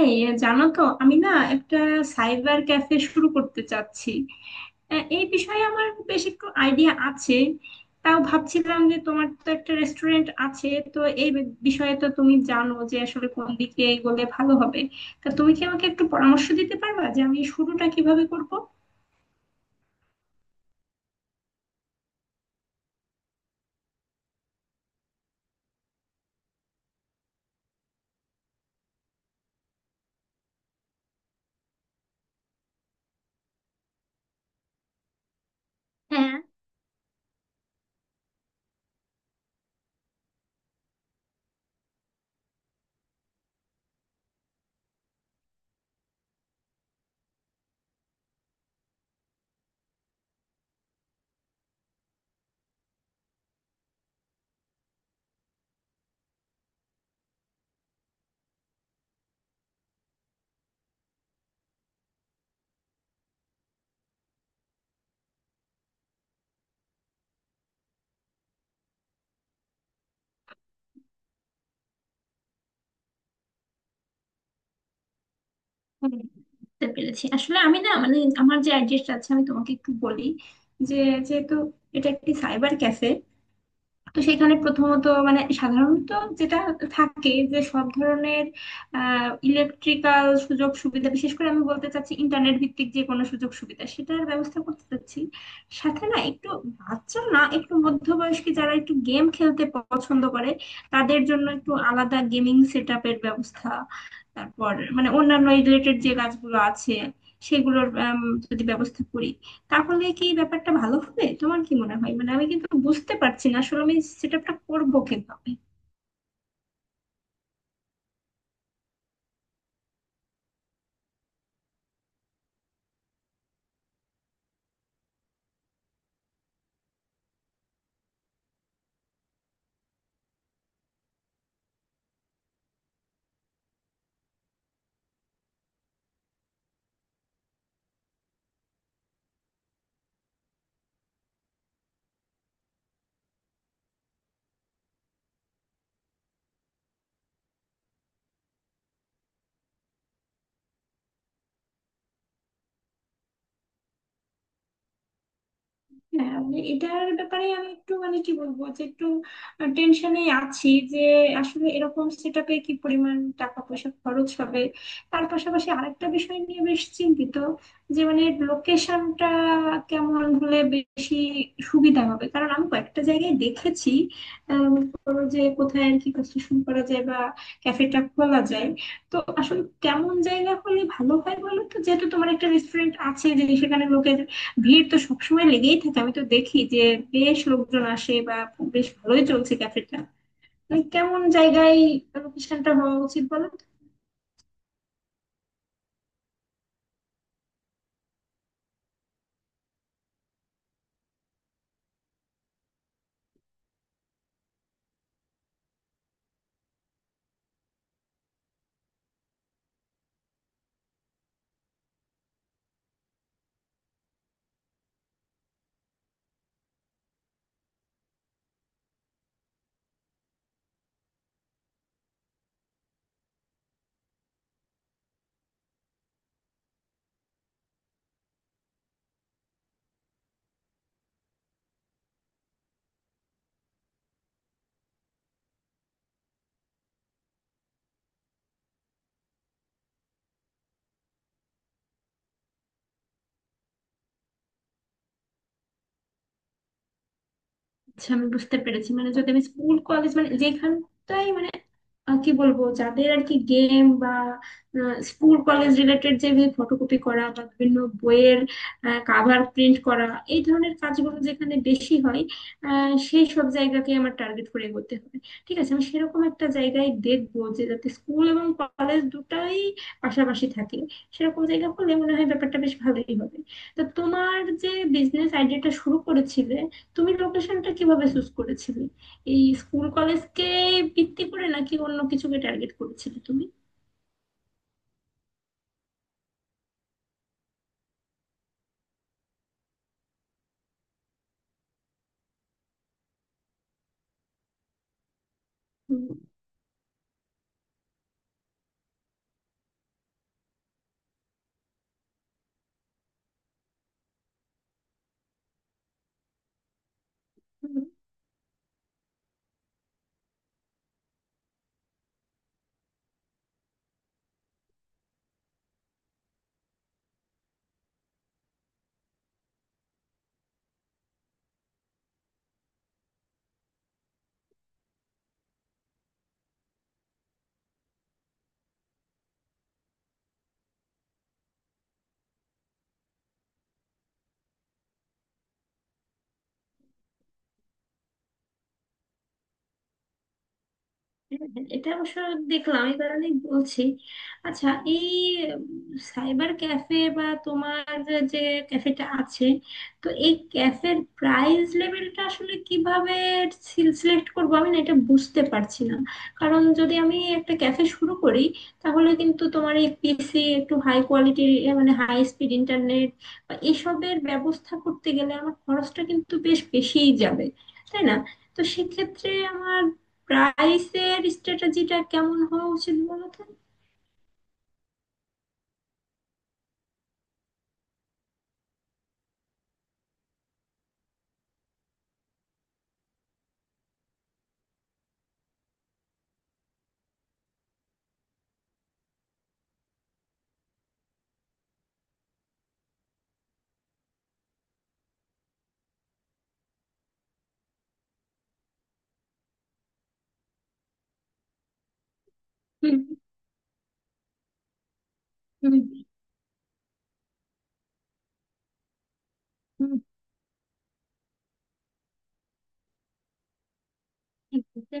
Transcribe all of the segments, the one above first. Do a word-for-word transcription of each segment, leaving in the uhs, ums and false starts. এই জানো তো আমি না একটা সাইবার ক্যাফে শুরু করতে চাচ্ছি। আহ, এই বিষয়ে আমার বেশ একটু আইডিয়া আছে। তাও ভাবছিলাম যে তোমার তো একটা রেস্টুরেন্ট আছে, তো এই বি- বিষয়ে তো তুমি জানো যে আসলে কোন দিকে এগোলে ভালো হবে। তা তুমি কি আমাকে একটু পরামর্শ দিতে পারবা যে আমি শুরুটা কিভাবে করব? হ্যাঁ। হুম, বুঝতে পেরেছি। আসলে আমি না, মানে আমার যে আইডিয়াটা আছে আমি তোমাকে একটু বলি যে, যেহেতু এটা একটি সাইবার ক্যাফে, তো সেখানে প্রথমত মানে সাধারণত যেটা থাকে যে সব ধরনের ইলেকট্রিক্যাল সুযোগ সুবিধা, বিশেষ করে আমি বলতে চাচ্ছি ইন্টারনেট ভিত্তিক যে কোনো সুযোগ সুবিধা সেটার ব্যবস্থা করতে চাচ্ছি। সাথে না একটু বাচ্চা না একটু মধ্যবয়স্ক যারা একটু গেম খেলতে পছন্দ করে, তাদের জন্য একটু আলাদা গেমিং সেট আপের ব্যবস্থা। তারপর মানে অন্যান্য রিলেটেড যে কাজগুলো আছে সেগুলোর আম, যদি ব্যবস্থা করি তাহলে কি ব্যাপারটা ভালো হবে? তোমার কি মনে হয়? মানে আমি কিন্তু বুঝতে পারছি না আসলে আমি সেট আপটা করবো কিভাবে? হ্যাঁ মানে এটার ব্যাপারে আমি একটু মানে কি বলবো যে একটু টেনশনে আছি যে আসলে এরকম সেটআপে কি পরিমাণ টাকা পয়সা খরচ হবে। তার পাশাপাশি আরেকটা বিষয় নিয়ে বেশ চিন্তিত যে মানে লোকেশনটা কেমন হলে বেশি সুবিধা হবে, কারণ আমি কয়েকটা জায়গায় দেখেছি। আহ, মনে করো যে কোথায় আর কি কনস্ট্রাকশন করা যায় বা ক্যাফেটা খোলা যায়। তো আসলে কেমন জায়গা হলে ভালো হয় বলো তো, যেহেতু তোমার একটা রেস্টুরেন্ট আছে যে সেখানে লোকে ভিড় তো সবসময় লেগেই থাকে, আমি তো দেখি যে বেশ লোকজন আসে বা বেশ ভালোই চলছে ক্যাফেটা। মানে কেমন জায়গায় লোকেশনটা হওয়া উচিত বলো। আচ্ছা, আমি বুঝতে পেরেছি। মানে যদি আমি স্কুল কলেজ মানে যেখানটাই মানে আহ, কি বলবো, যাদের আর কি গেম বা স্কুল কলেজ রিলেটেড যে ফটোকপি করা বা বিভিন্ন বইয়ের কাভার প্রিন্ট করা এই ধরনের কাজগুলো যেখানে বেশি হয় আহ, সেই সব জায়গাকে আমার টার্গেট করে এগোতে হবে। ঠিক আছে, আমি সেরকম একটা জায়গায় দেখবো যে যাতে স্কুল এবং কলেজ দুটাই পাশাপাশি থাকে। সেরকম জায়গা হলে মনে হয় ব্যাপারটা বেশ ভালোই হবে। তো তোমার যে বিজনেস আইডিয়াটা শুরু করেছিলে, তুমি লোকেশনটা কিভাবে চুজ করেছিলে? এই স্কুল কলেজকে ভিত্তি করে, নাকি অন্য কিছুকে টার্গেট করেছিলে তুমি? হুম। হুম। হ্যাঁ, হ্যাঁ, এটা অবশ্য দেখলাম, এই কারণেই বলছি। আচ্ছা, এই সাইবার ক্যাফে বা তোমার যে ক্যাফেটা আছে, তো এই ক্যাফের প্রাইস লেভেলটা আসলে কিভাবে সিলেক্ট করবো আমি না এটা বুঝতে পারছি না। কারণ যদি আমি একটা ক্যাফে শুরু করি, তাহলে কিন্তু তোমার এই পিসি একটু হাই কোয়ালিটির, মানে হাই স্পিড ইন্টারনেট বা এসবের ব্যবস্থা করতে গেলে আমার খরচটা কিন্তু বেশ বেশিই যাবে, তাই না? তো সেক্ষেত্রে আমার প্রাইসের স্ট্র্যাটেজিটা কেমন হওয়া উচিত বলো তো? হুম হুম হুম এটা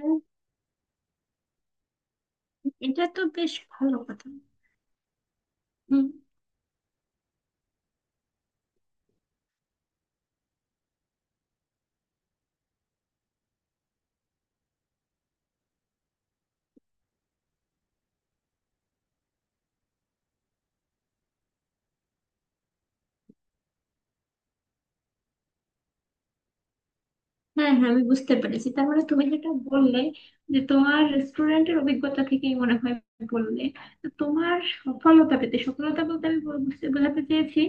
এটা তো বেশ ভালো কথা। হুম। হ্যাঁ হ্যাঁ, আমি বুঝতে পেরেছি। তার মানে তুমি যেটা বললে যে তোমার রেস্টুরেন্টের অভিজ্ঞতা থেকেই মনে হয় বললে, তো তোমার সফলতা পেতে, সফলতা বলতে আমি বল- বুঝতে বোঝাতে চেয়েছি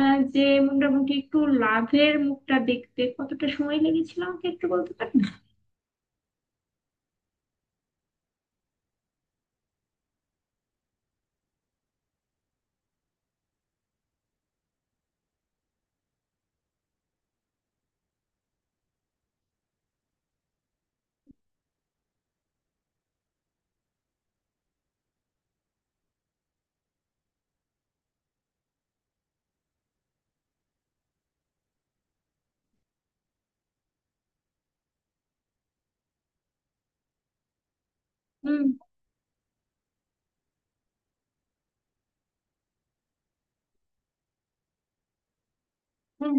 আহ, যে মোটামুটি একটু লাভের মুখটা দেখতে কতটা সময় লেগেছিল আমাকে একটু বলতে পারবে? হুম হুম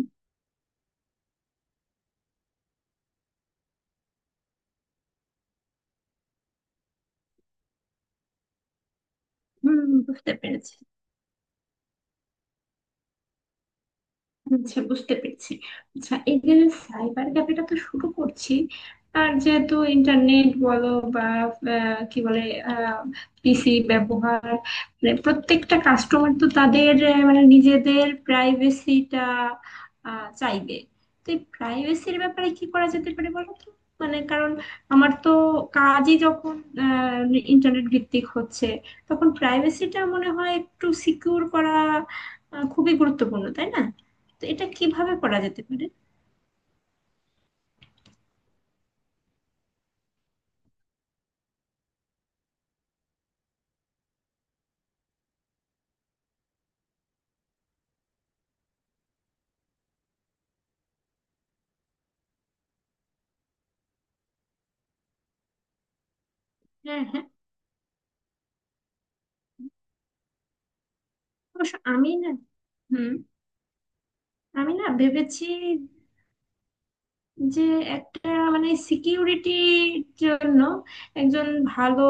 হুম বুঝতে পেরেছি। আচ্ছা, বুঝতে পেরেছি। আচ্ছা, এই যে সাইবার ক্যাফেটা তো শুরু করছি, আর যেহেতু ইন্টারনেট বলো বা আহ, কি বলে পিসি ব্যবহার, মানে প্রত্যেকটা কাস্টমার তো তাদের আহ, মানে নিজেদের প্রাইভেসিটা চাইবে। তো এই প্রাইভেসির ব্যাপারে কি করা যেতে পারে বলো তো? মানে কারণ আমার তো কাজই যখন ইন্টারনেট ভিত্তিক হচ্ছে, তখন প্রাইভেসিটা মনে হয় একটু সিকিউর করা আহ, খুবই গুরুত্বপূর্ণ, তাই না? তো এটা কিভাবে করা যেতে পারে? হ্যাঁ হ্যাঁ। অবশ্য আমি না, হুম, আমি না ভেবেছি যে একটা মানে সিকিউরিটির জন্য একজন ভালো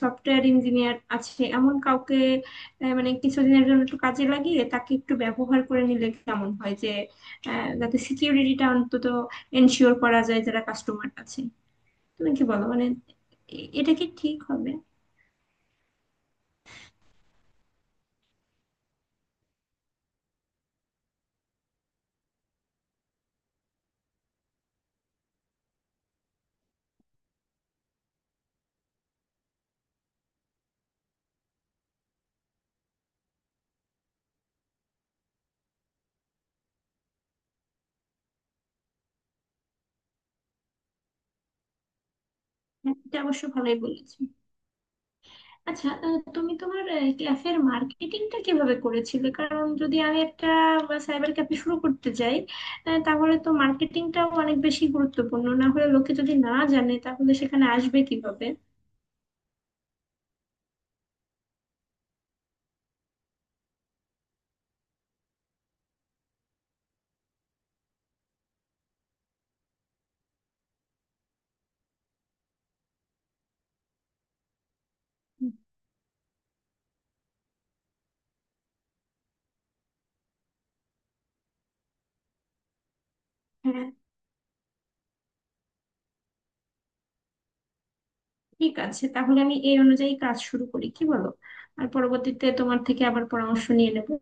সফটওয়্যার ইঞ্জিনিয়ার আছে এমন কাউকে আহ, মানে কিছুদিনের জন্য একটু কাজে লাগিয়ে তাকে একটু ব্যবহার করে নিলে কেমন হয়, যে আহ, যাতে সিকিউরিটিটা অন্তত এনশিওর করা যায় যারা কাস্টমার আছে। তুমি কি বলো, মানে এ- এটা কি ঠিক হবে? হ্যাঁ, এটা অবশ্য ভালোই বলেছো। আচ্ছা, আহ, তুমি তোমার ক্যাফের মার্কেটিংটা কিভাবে করেছিলে? কারণ যদি আমি একটা সাইবার ক্যাফে শুরু করতে যাই, আহ, তাহলে তো মার্কেটিংটাও অনেক বেশি গুরুত্বপূর্ণ, না হলে লোকে যদি না জানে তাহলে সেখানে আসবে কিভাবে? হ্যাঁ। ঠিক আছে, তাহলে আমি এই অনুযায়ী কাজ শুরু করি, কি বলো? আর পরবর্তীতে তোমার থেকে আবার পরামর্শ নিয়ে নেবো।